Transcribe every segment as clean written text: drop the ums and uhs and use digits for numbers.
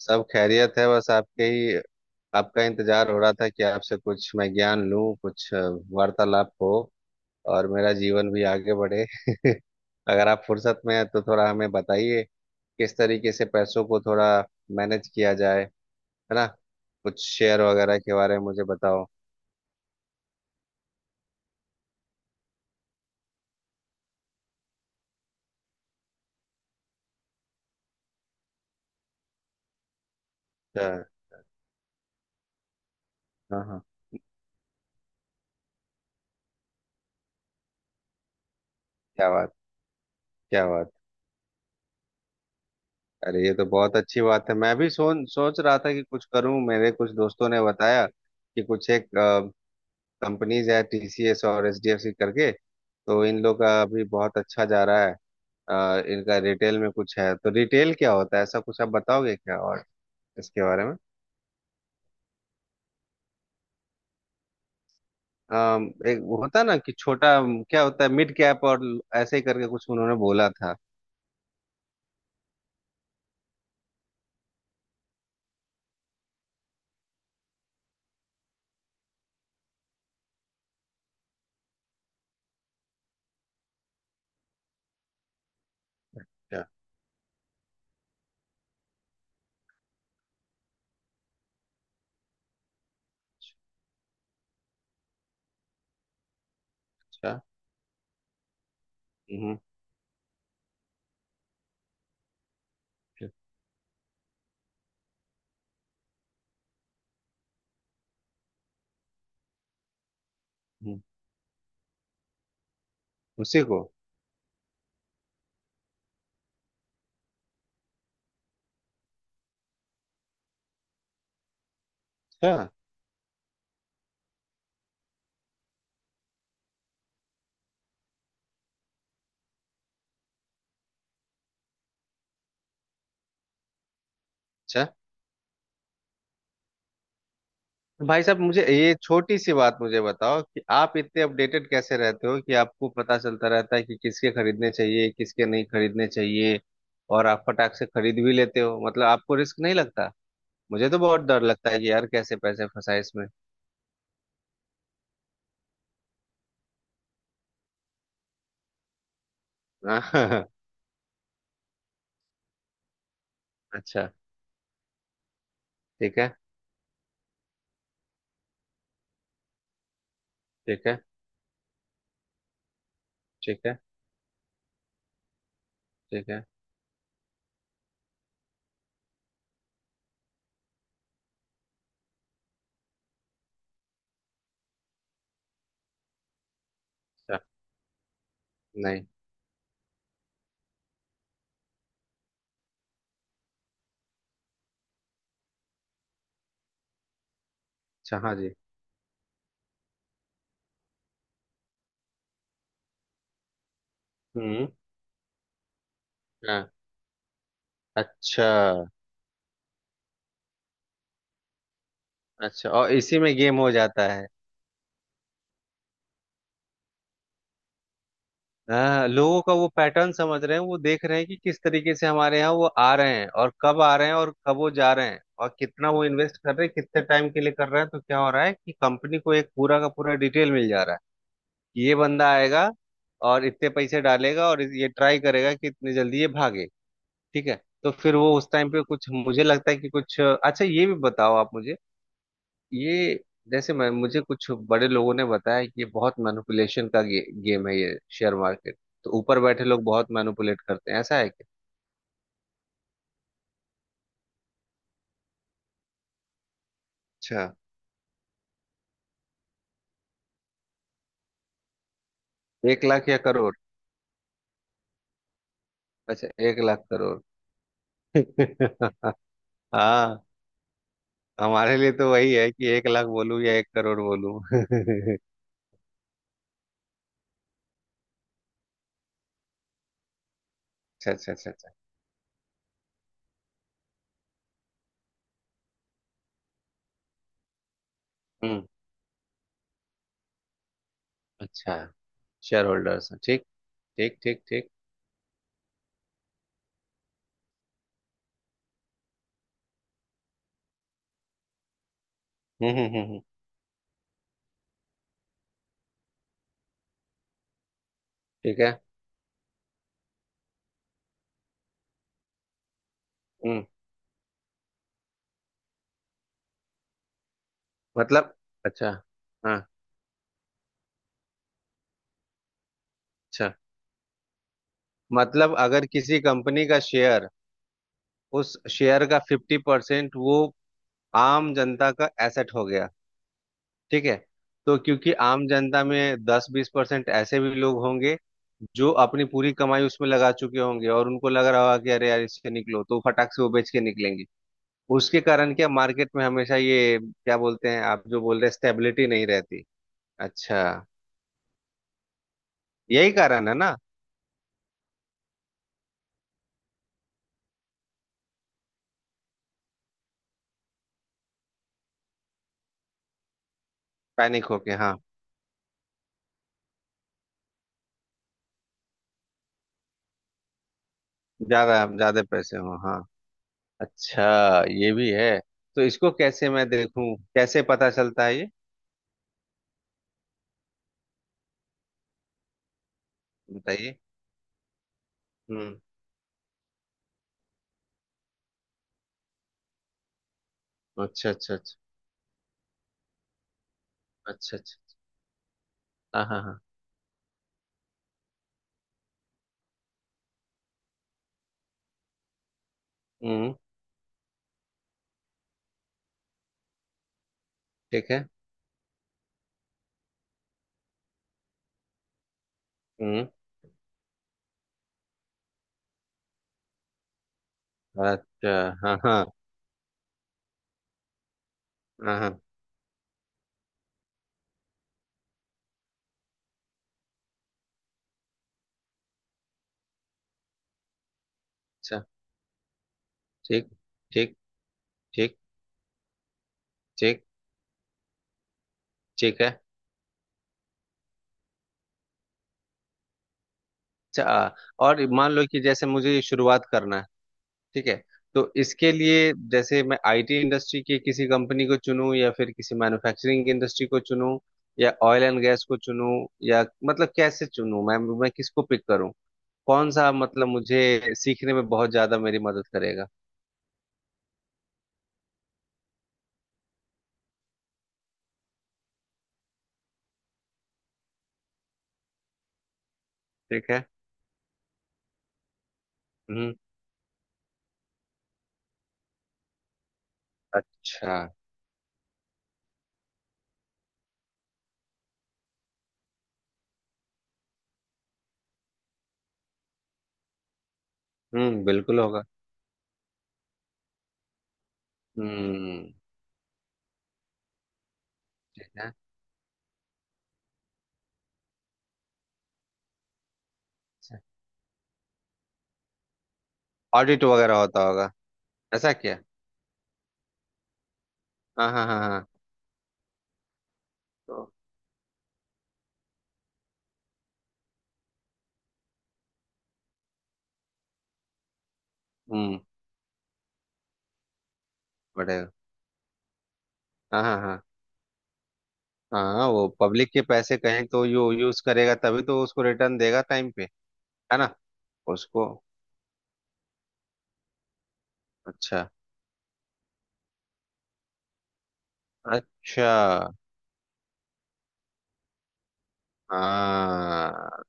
सब खैरियत है, बस आपके ही। आपका इंतजार हो रहा था कि आपसे कुछ मैं ज्ञान लूं, कुछ वार्तालाप हो और मेरा जीवन भी आगे बढ़े अगर आप फुर्सत में हैं तो थोड़ा हमें बताइए, किस तरीके से पैसों को थोड़ा मैनेज किया जाए। है ना? कुछ शेयर वगैरह के बारे में मुझे बताओ। अच्छा। हाँ, हाँ। क्या बात। क्या बात। अरे ये तो बहुत अच्छी बात है, मैं भी सोच सोच रहा था कि कुछ करूं। मेरे कुछ दोस्तों ने बताया कि कुछ एक कंपनीज है, टीसीएस और एचडीएफसी करके, तो इन लोग का अभी बहुत अच्छा जा रहा है। इनका रिटेल में कुछ है, तो रिटेल क्या होता है? ऐसा कुछ आप बताओगे क्या? और इसके बारे में? एक वो होता है ना कि छोटा, क्या होता है, मिड कैप और ऐसे ही करके कुछ उन्होंने बोला था। क्या? अच्छा। हम्म, हम्म, हम्म। उसी को? अच्छा। अच्छा। भाई साहब, मुझे ये छोटी सी बात मुझे बताओ कि आप इतने अपडेटेड कैसे रहते हो कि आपको पता चलता रहता है कि किसके खरीदने चाहिए, किसके नहीं खरीदने चाहिए। और आप फटाक से खरीद भी लेते हो, मतलब आपको रिस्क नहीं लगता। मुझे तो बहुत डर लगता है कि यार कैसे पैसे फंसाए इसमें। अच्छा। ठीक है। ठीक है। ठीक है। ठीक है। अच्छा। नहीं। अच्छा। हाँ जी। हम्म। हाँ। अच्छा। अच्छा। और इसी में गेम हो जाता है। हाँ, लोगों का वो पैटर्न समझ रहे हैं, वो देख रहे हैं कि किस तरीके से हमारे यहाँ वो आ रहे हैं और कब आ रहे हैं और कब वो जा रहे हैं और कितना वो इन्वेस्ट कर रहे हैं, कितने टाइम के लिए कर रहे हैं, तो क्या हो रहा है कि कंपनी को एक पूरा का पूरा डिटेल मिल जा रहा है कि ये बंदा आएगा और इतने पैसे डालेगा और ये ट्राई करेगा कि इतनी जल्दी ये भागे। ठीक है। तो फिर वो उस टाइम पे कुछ, मुझे लगता है कि कुछ अच्छा ये भी बताओ आप मुझे। ये, जैसे मैं, मुझे कुछ बड़े लोगों ने बताया कि ये बहुत मैनिपुलेशन का गेम है, ये शेयर मार्केट। तो ऊपर बैठे लोग बहुत मैनिपुलेट करते हैं, ऐसा है क्या? अच्छा। 1 लाख या करोड़? अच्छा, 1 लाख करोड़। हाँ। हमारे लिए तो वही है कि 1 लाख बोलूं या 1 करोड़ बोलूं। अच्छा। अच्छा। अच्छा। अच्छा। हम्म। अच्छा। शेयर होल्डर्स, ठीक। ठीक, ठीक, ठीक। हम्म, हम्म, हम्म, हम्म। ठीक है। हम्म। मतलब। अच्छा। हाँ। अच्छा। मतलब अगर किसी कंपनी का शेयर, उस शेयर का 50% वो आम जनता का एसेट हो गया। ठीक है। तो क्योंकि आम जनता में 10-20% ऐसे भी लोग होंगे जो अपनी पूरी कमाई उसमें लगा चुके होंगे और उनको लग रहा होगा कि अरे यार इससे निकलो, तो फटाक से वो बेच के निकलेंगे। उसके कारण क्या मार्केट में हमेशा ये क्या बोलते हैं आप जो बोल रहे, स्टेबिलिटी नहीं रहती। अच्छा। यही कारण है ना? पैनिक होके, हाँ। ज्यादा ज्यादा पैसे हो, हाँ। अच्छा। ये भी है। तो इसको कैसे मैं देखूं, कैसे पता चलता है ये? बताइए। हम्म। अच्छा। अच्छा। अच्छा। अच्छा। अच्छा। हाँ, हाँ, हाँ। हम्म। ठीक है। हम्म। अच्छा। हाँ, हाँ, हाँ, हाँ। अच्छा। ठीक, ठीक, ठीक, ठीक। ठीक है। अच्छा। और मान लो कि जैसे मुझे शुरुआत करना है। ठीक है। तो इसके लिए जैसे मैं आईटी इंडस्ट्री की किसी कंपनी को चुनूं, या फिर किसी मैन्युफैक्चरिंग इंडस्ट्री को चुनूं, या ऑयल एंड गैस को चुनूं, या, मतलब कैसे चुनूं? मैं किसको पिक करूं, कौन सा, मतलब मुझे सीखने में बहुत ज्यादा मेरी मदद करेगा? ठीक है। हम्म। अच्छा। हम्म, बिल्कुल होगा। हम्म। ठीक है। अच्छा, ऑडिट वगैरह होता होगा। ऐसा क्या? हाँ, हाँ, हाँ, हाँ। तो? हम्म, बढ़ेगा। हाँ, हाँ, हाँ, हाँ। वो पब्लिक के पैसे कहीं तो यू यूज करेगा, तभी तो उसको रिटर्न देगा टाइम पे। है ना? उसको। अच्छा। अच्छा। हाँ।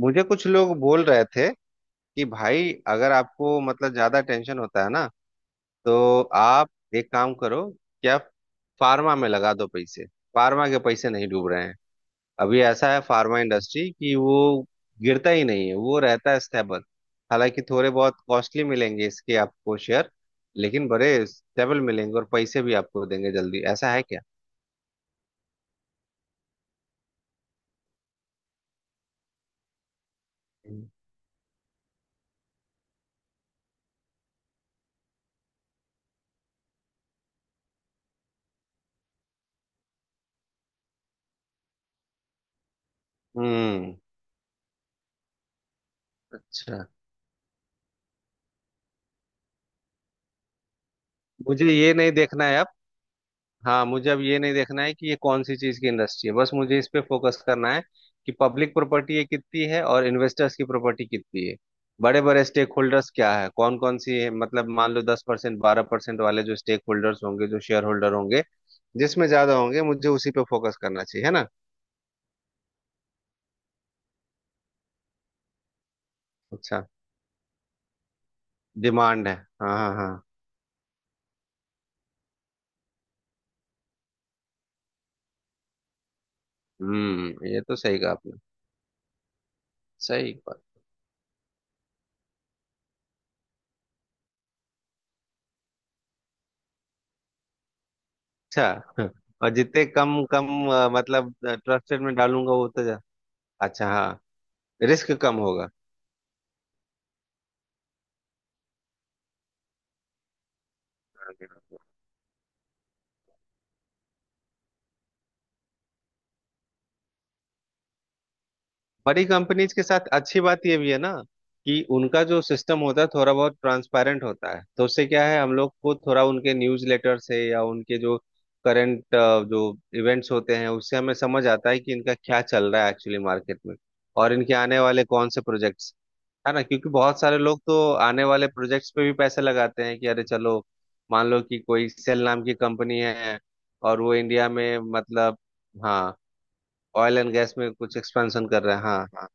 मुझे कुछ लोग बोल रहे थे कि भाई, अगर आपको मतलब ज्यादा टेंशन होता है ना, तो आप एक काम करो। क्या? फार्मा में लगा दो पैसे। फार्मा के पैसे नहीं डूब रहे हैं। अभी ऐसा है फार्मा इंडस्ट्री, कि वो गिरता ही नहीं है, वो रहता है स्टेबल। हालांकि थोड़े बहुत कॉस्टली मिलेंगे इसके आपको शेयर, लेकिन बड़े स्टेबल मिलेंगे और पैसे भी आपको देंगे जल्दी। ऐसा है क्या? हम्म। अच्छा। मुझे ये नहीं देखना है। हाँ, मुझे अब ये नहीं देखना है कि ये कौन सी चीज की इंडस्ट्री है, बस मुझे इस पे फोकस करना है कि पब्लिक प्रॉपर्टी ये कितनी है और इन्वेस्टर्स की प्रॉपर्टी कितनी है, बड़े बड़े स्टेक होल्डर्स क्या है, कौन कौन सी है, मतलब मान लो 10% 12% वाले जो स्टेक होल्डर्स होंगे, जो शेयर होल्डर होंगे, जिसमें ज्यादा होंगे मुझे उसी पे फोकस करना चाहिए। है ना? अच्छा, डिमांड है। हाँ, हाँ, हाँ। हम्म। ये तो सही कहा आपने। सही बात। अच्छा। और जितने कम कम, मतलब ट्रस्टेड में डालूंगा वो उतना ज्या-। अच्छा। हाँ, रिस्क कम होगा। बड़ी कंपनीज के साथ अच्छी बात ये भी है ना कि उनका जो सिस्टम होता है थोड़ा बहुत ट्रांसपेरेंट होता है, तो उससे क्या है, हम लोग को थोड़ा उनके न्यूज़ लेटर से या उनके जो करंट जो इवेंट्स होते हैं उससे हमें समझ आता है कि इनका क्या चल रहा है एक्चुअली मार्केट में, और इनके आने वाले कौन से प्रोजेक्ट्स। है ना? क्योंकि बहुत सारे लोग तो आने वाले प्रोजेक्ट्स पे भी पैसे लगाते हैं कि अरे चलो, मान लो कि कोई सेल नाम की कंपनी है, और वो इंडिया में मतलब। हाँ, ऑयल एंड गैस में कुछ एक्सपेंशन कर रहे हैं। हाँ, हाँ।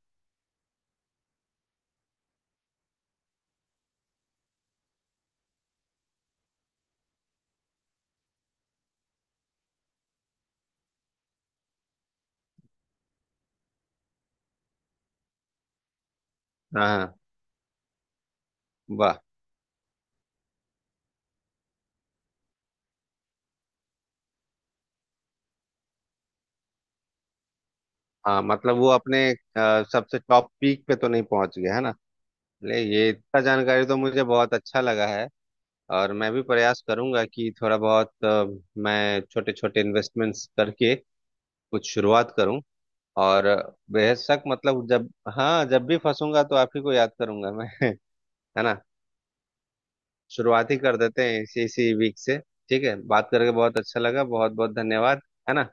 हाँ, हाँ। वाह। हाँ, मतलब वो अपने सबसे टॉप पीक पे तो नहीं पहुंच गया है ना? ले, ये इतना जानकारी तो मुझे बहुत अच्छा लगा है, और मैं भी प्रयास करूंगा कि थोड़ा बहुत मैं छोटे छोटे इन्वेस्टमेंट्स करके कुछ शुरुआत करूं। और बेशक, मतलब जब, हाँ, जब भी फंसूंगा तो आप ही को याद करूंगा मैं। है ना? शुरुआत ही कर देते हैं इसी इसी वीक से। ठीक है, बात करके बहुत अच्छा लगा, बहुत बहुत धन्यवाद। है ना?